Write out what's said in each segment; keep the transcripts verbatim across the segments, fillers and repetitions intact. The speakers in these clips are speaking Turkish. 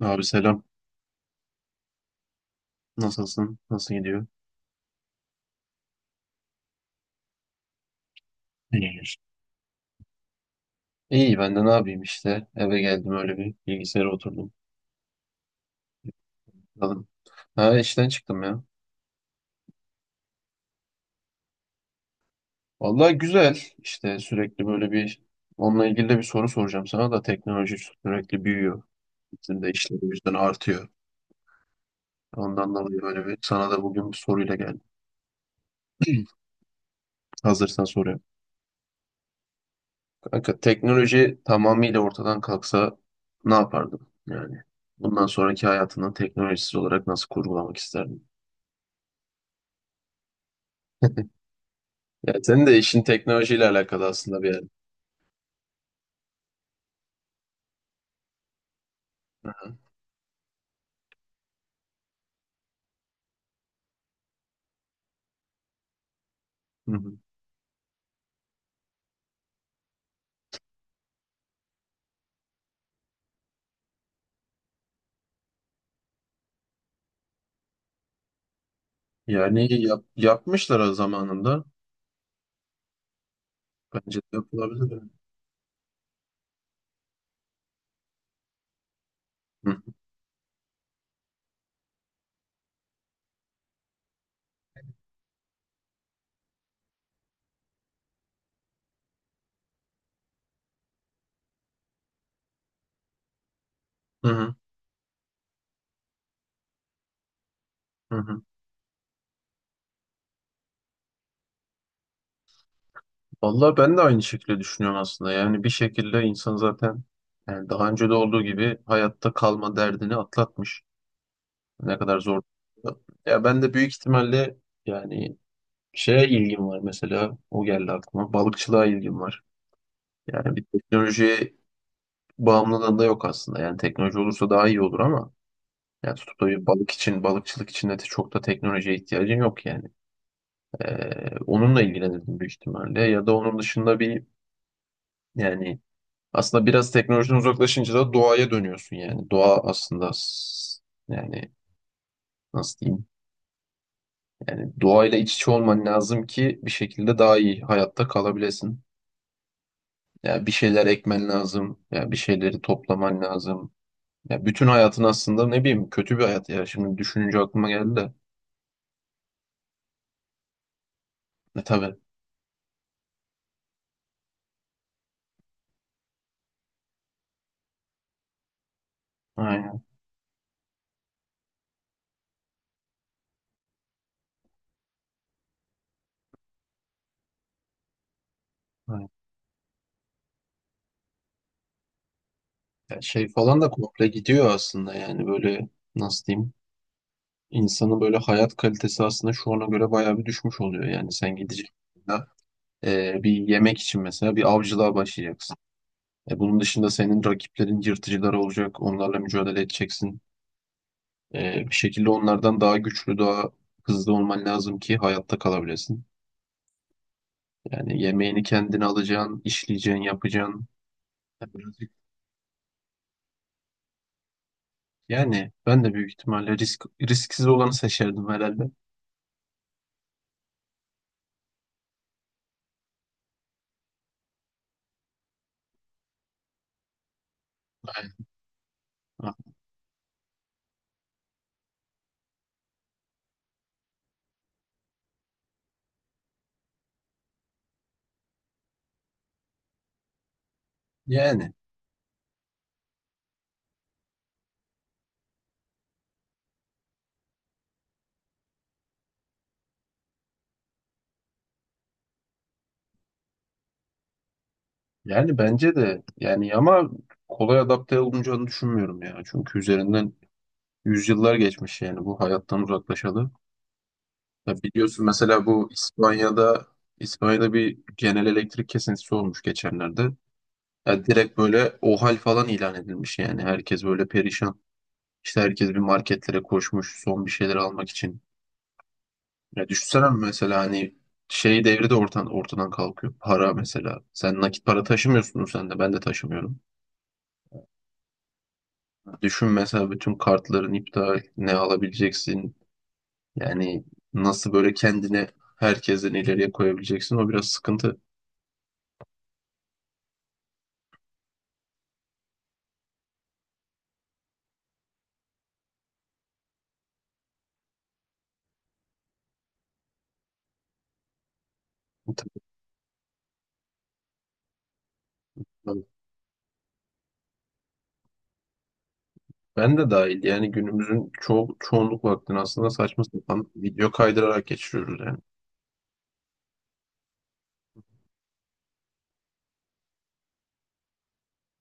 Abi selam. Nasılsın? Nasıl gidiyor? İyidir. İyi ben de ne yapayım işte. Eve geldim öyle bir bilgisayara oturdum. Bakalım. Ha işten çıktım ya. Vallahi güzel. İşte sürekli böyle bir onunla ilgili de bir soru soracağım sana da, teknoloji sürekli büyüyor. Bizim de işler o yüzden artıyor. Ondan dolayı böyle bir sana da bugün bir soruyla geldim. Hazırsan soruyorum. Kanka teknoloji tamamıyla ortadan kalksa ne yapardın? Yani bundan sonraki hayatını teknolojisiz olarak nasıl kurgulamak isterdin? Ya senin de işin teknolojiyle alakalı aslında bir yer. Hı hı. Yani yap, yapmışlar o zamanında. Bence de yapılabilir yani. Hı hı. Hı hı. Hı. Vallahi ben de aynı şekilde düşünüyorum aslında. Yani bir şekilde insan zaten, yani daha önce de olduğu gibi, hayatta kalma derdini atlatmış. Ne kadar zor. Ya ben de büyük ihtimalle, yani şeye ilgim var mesela. O geldi aklıma. Balıkçılığa ilgim var. Yani bir teknolojiye bağımlılığım da yok aslında. Yani teknoloji olursa daha iyi olur ama yani tuttuğu balık için, balıkçılık için de çok da teknolojiye ihtiyacın yok yani. Ee, onunla ilgilenirdim büyük ihtimalle. Ya da onun dışında bir yani aslında biraz teknolojiden uzaklaşınca da doğaya dönüyorsun yani. Doğa aslında s- yani nasıl diyeyim? Yani doğayla iç içe olman lazım ki bir şekilde daha iyi hayatta kalabilesin. Yani bir şeyler ekmen lazım. Yani bir şeyleri toplaman lazım. Ya bütün hayatın aslında ne bileyim kötü bir hayat ya. Şimdi düşününce aklıma geldi de. E tabii. Aynen. Aynen. Ya şey falan da komple gidiyor aslında yani böyle nasıl diyeyim, insanın böyle hayat kalitesi aslında şu ana göre bayağı bir düşmüş oluyor. Yani sen gideceksin da, e, bir yemek için mesela bir avcılığa başlayacaksın. E, bunun dışında senin rakiplerin yırtıcılar olacak, onlarla mücadele edeceksin. E, bir şekilde onlardan daha güçlü, daha hızlı olman lazım ki hayatta kalabilesin. Yani yemeğini kendine alacaksın, işleyeceksin, yapacaksın. Ya birazcık- Yani ben de büyük ihtimalle risk risksiz olanı seçerdim herhalde. Aynen. Yani. Yani bence de yani ama kolay adapte olunacağını düşünmüyorum ya. Çünkü üzerinden yüzyıllar geçmiş yani bu hayattan uzaklaşalı. Ya biliyorsun mesela bu İspanya'da İspanya'da bir genel elektrik kesintisi olmuş geçenlerde. Ya direkt böyle OHAL falan ilan edilmiş yani herkes böyle perişan. İşte herkes bir marketlere koşmuş son bir şeyler almak için. Ya düşünsene mesela hani şey devri de ortadan, ortadan kalkıyor. Para mesela. Sen nakit para taşımıyorsun, sen de ben de taşımıyorum. Düşün mesela bütün kartların iptal, ne alabileceksin? Yani nasıl böyle kendine herkesten ileriye koyabileceksin? O biraz sıkıntı. Tabii. Ben de dahil yani günümüzün ço çoğunluk vaktini aslında saçma sapan video kaydırarak geçiriyoruz yani.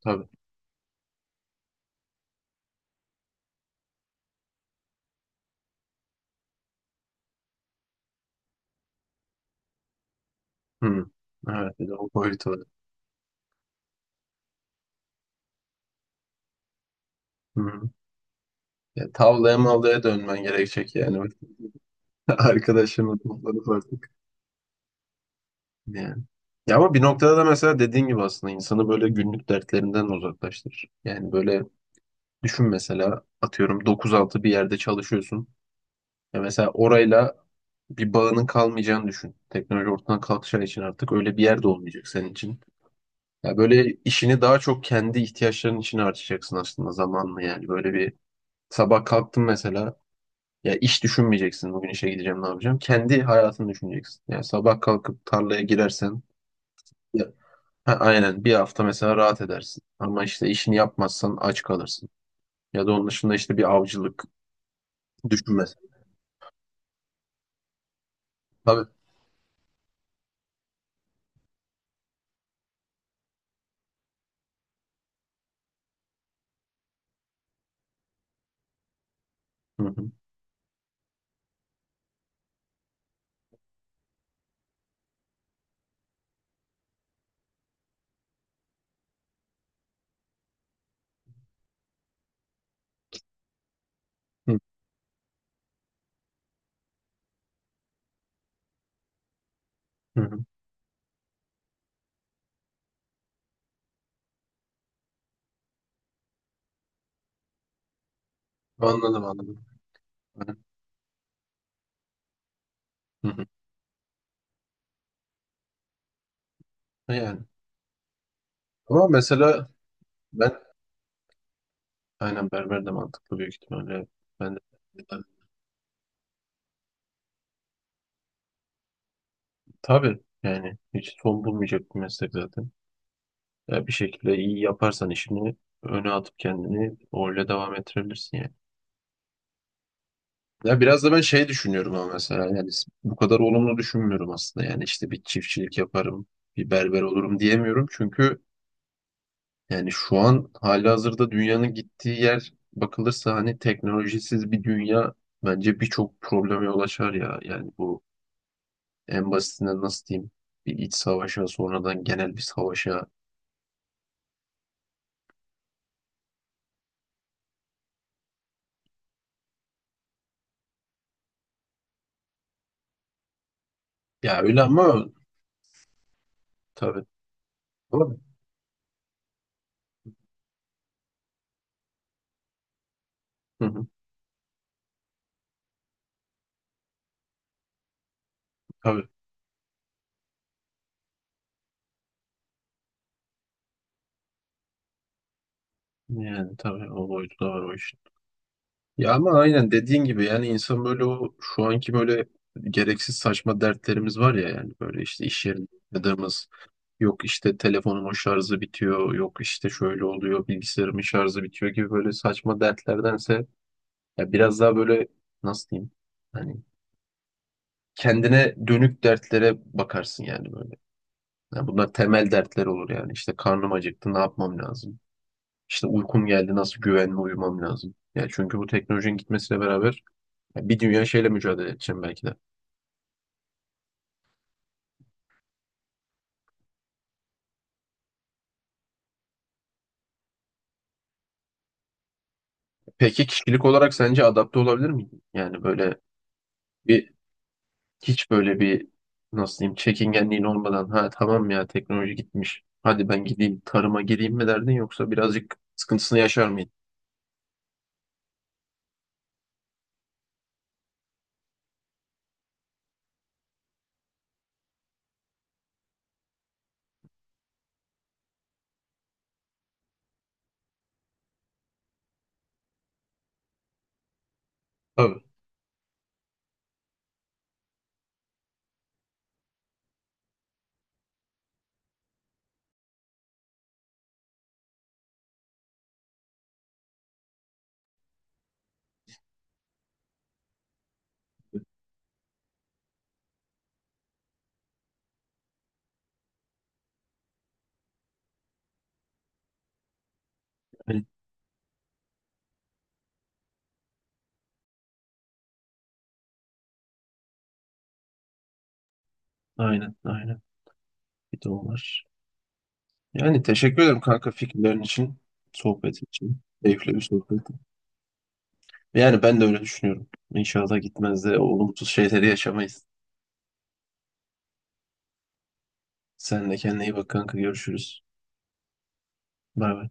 Tabii. Hı. Evet, bir de o boyutu var. Hı. Ya, tavlaya mavlaya dönmen gerekecek yani. Arkadaşımla toplanıp artık. Yani. Ya ama bir noktada da mesela dediğin gibi aslında insanı böyle günlük dertlerinden uzaklaştırır. Yani böyle düşün mesela, atıyorum dokuz altı bir yerde çalışıyorsun. Ya mesela orayla bir bağının kalmayacağını düşün. Teknoloji ortadan kalkacağı için artık öyle bir yer de olmayacak senin için. Ya böyle işini daha çok kendi ihtiyaçların için harcayacaksın aslında zamanla yani. Böyle bir sabah kalktın mesela, ya iş düşünmeyeceksin bugün işe gideceğim ne yapacağım. Kendi hayatını düşüneceksin. Yani sabah kalkıp tarlaya girersen ya, ha, aynen, bir hafta mesela rahat edersin. Ama işte işini yapmazsan aç kalırsın. Ya da onun dışında işte bir avcılık düşün mesela, düşünmez. Hı hı. Hı hı. Hı. Anladım, anladım. Hı hı. Hı. Yani. Ama mesela ben, aynen, berber de mantıklı büyük ihtimalle. Ben de tabii yani hiç son bulmayacak bir meslek zaten. Ya bir şekilde iyi yaparsan işini öne atıp kendini öyle devam ettirebilirsin yani. Ya biraz da ben şey düşünüyorum ama mesela yani bu kadar olumlu düşünmüyorum aslında. Yani işte bir çiftçilik yaparım, bir berber olurum diyemiyorum. Çünkü yani şu an halihazırda dünyanın gittiği yer bakılırsa hani teknolojisiz bir dünya bence birçok probleme yol açar ya. Yani bu en basitinden nasıl diyeyim, bir iç savaşa, sonradan genel bir savaşa. Ya öyle ama tabii. Tabii. Hı hı, tabii. Yani tabii o boyutu da var o işin. Ya ama aynen dediğin gibi yani insan böyle, o şu anki böyle gereksiz saçma dertlerimiz var ya, yani böyle işte iş yerinde yaşadığımız. Yok işte telefonumun şarjı bitiyor, yok işte şöyle oluyor, bilgisayarımın şarjı bitiyor gibi böyle saçma dertlerdense ya biraz daha böyle nasıl diyeyim? Hani kendine dönük dertlere bakarsın yani böyle. Ya bunlar temel dertler olur yani. İşte karnım acıktı, ne yapmam lazım? İşte uykum geldi, nasıl güvenli uyumam lazım? Ya çünkü bu teknolojinin gitmesiyle beraber ya bir dünya şeyle mücadele edeceğim belki de. Peki kişilik olarak sence adapte olabilir miyim? Yani böyle bir, hiç böyle bir, nasıl diyeyim, çekingenliğin olmadan ha tamam ya teknoloji gitmiş, hadi ben gideyim tarıma gireyim mi derdin, yoksa birazcık sıkıntısını yaşar mıydın? Tabii. Yani, aynen aynen bir de o var. Yani teşekkür ederim kanka, fikirlerin için, sohbet için. Keyifli bir sohbetti. Yani ben de öyle düşünüyorum. İnşallah gitmez de olumsuz şeyleri yaşamayız. Sen de kendine iyi bak kanka, görüşürüz. Bay bay.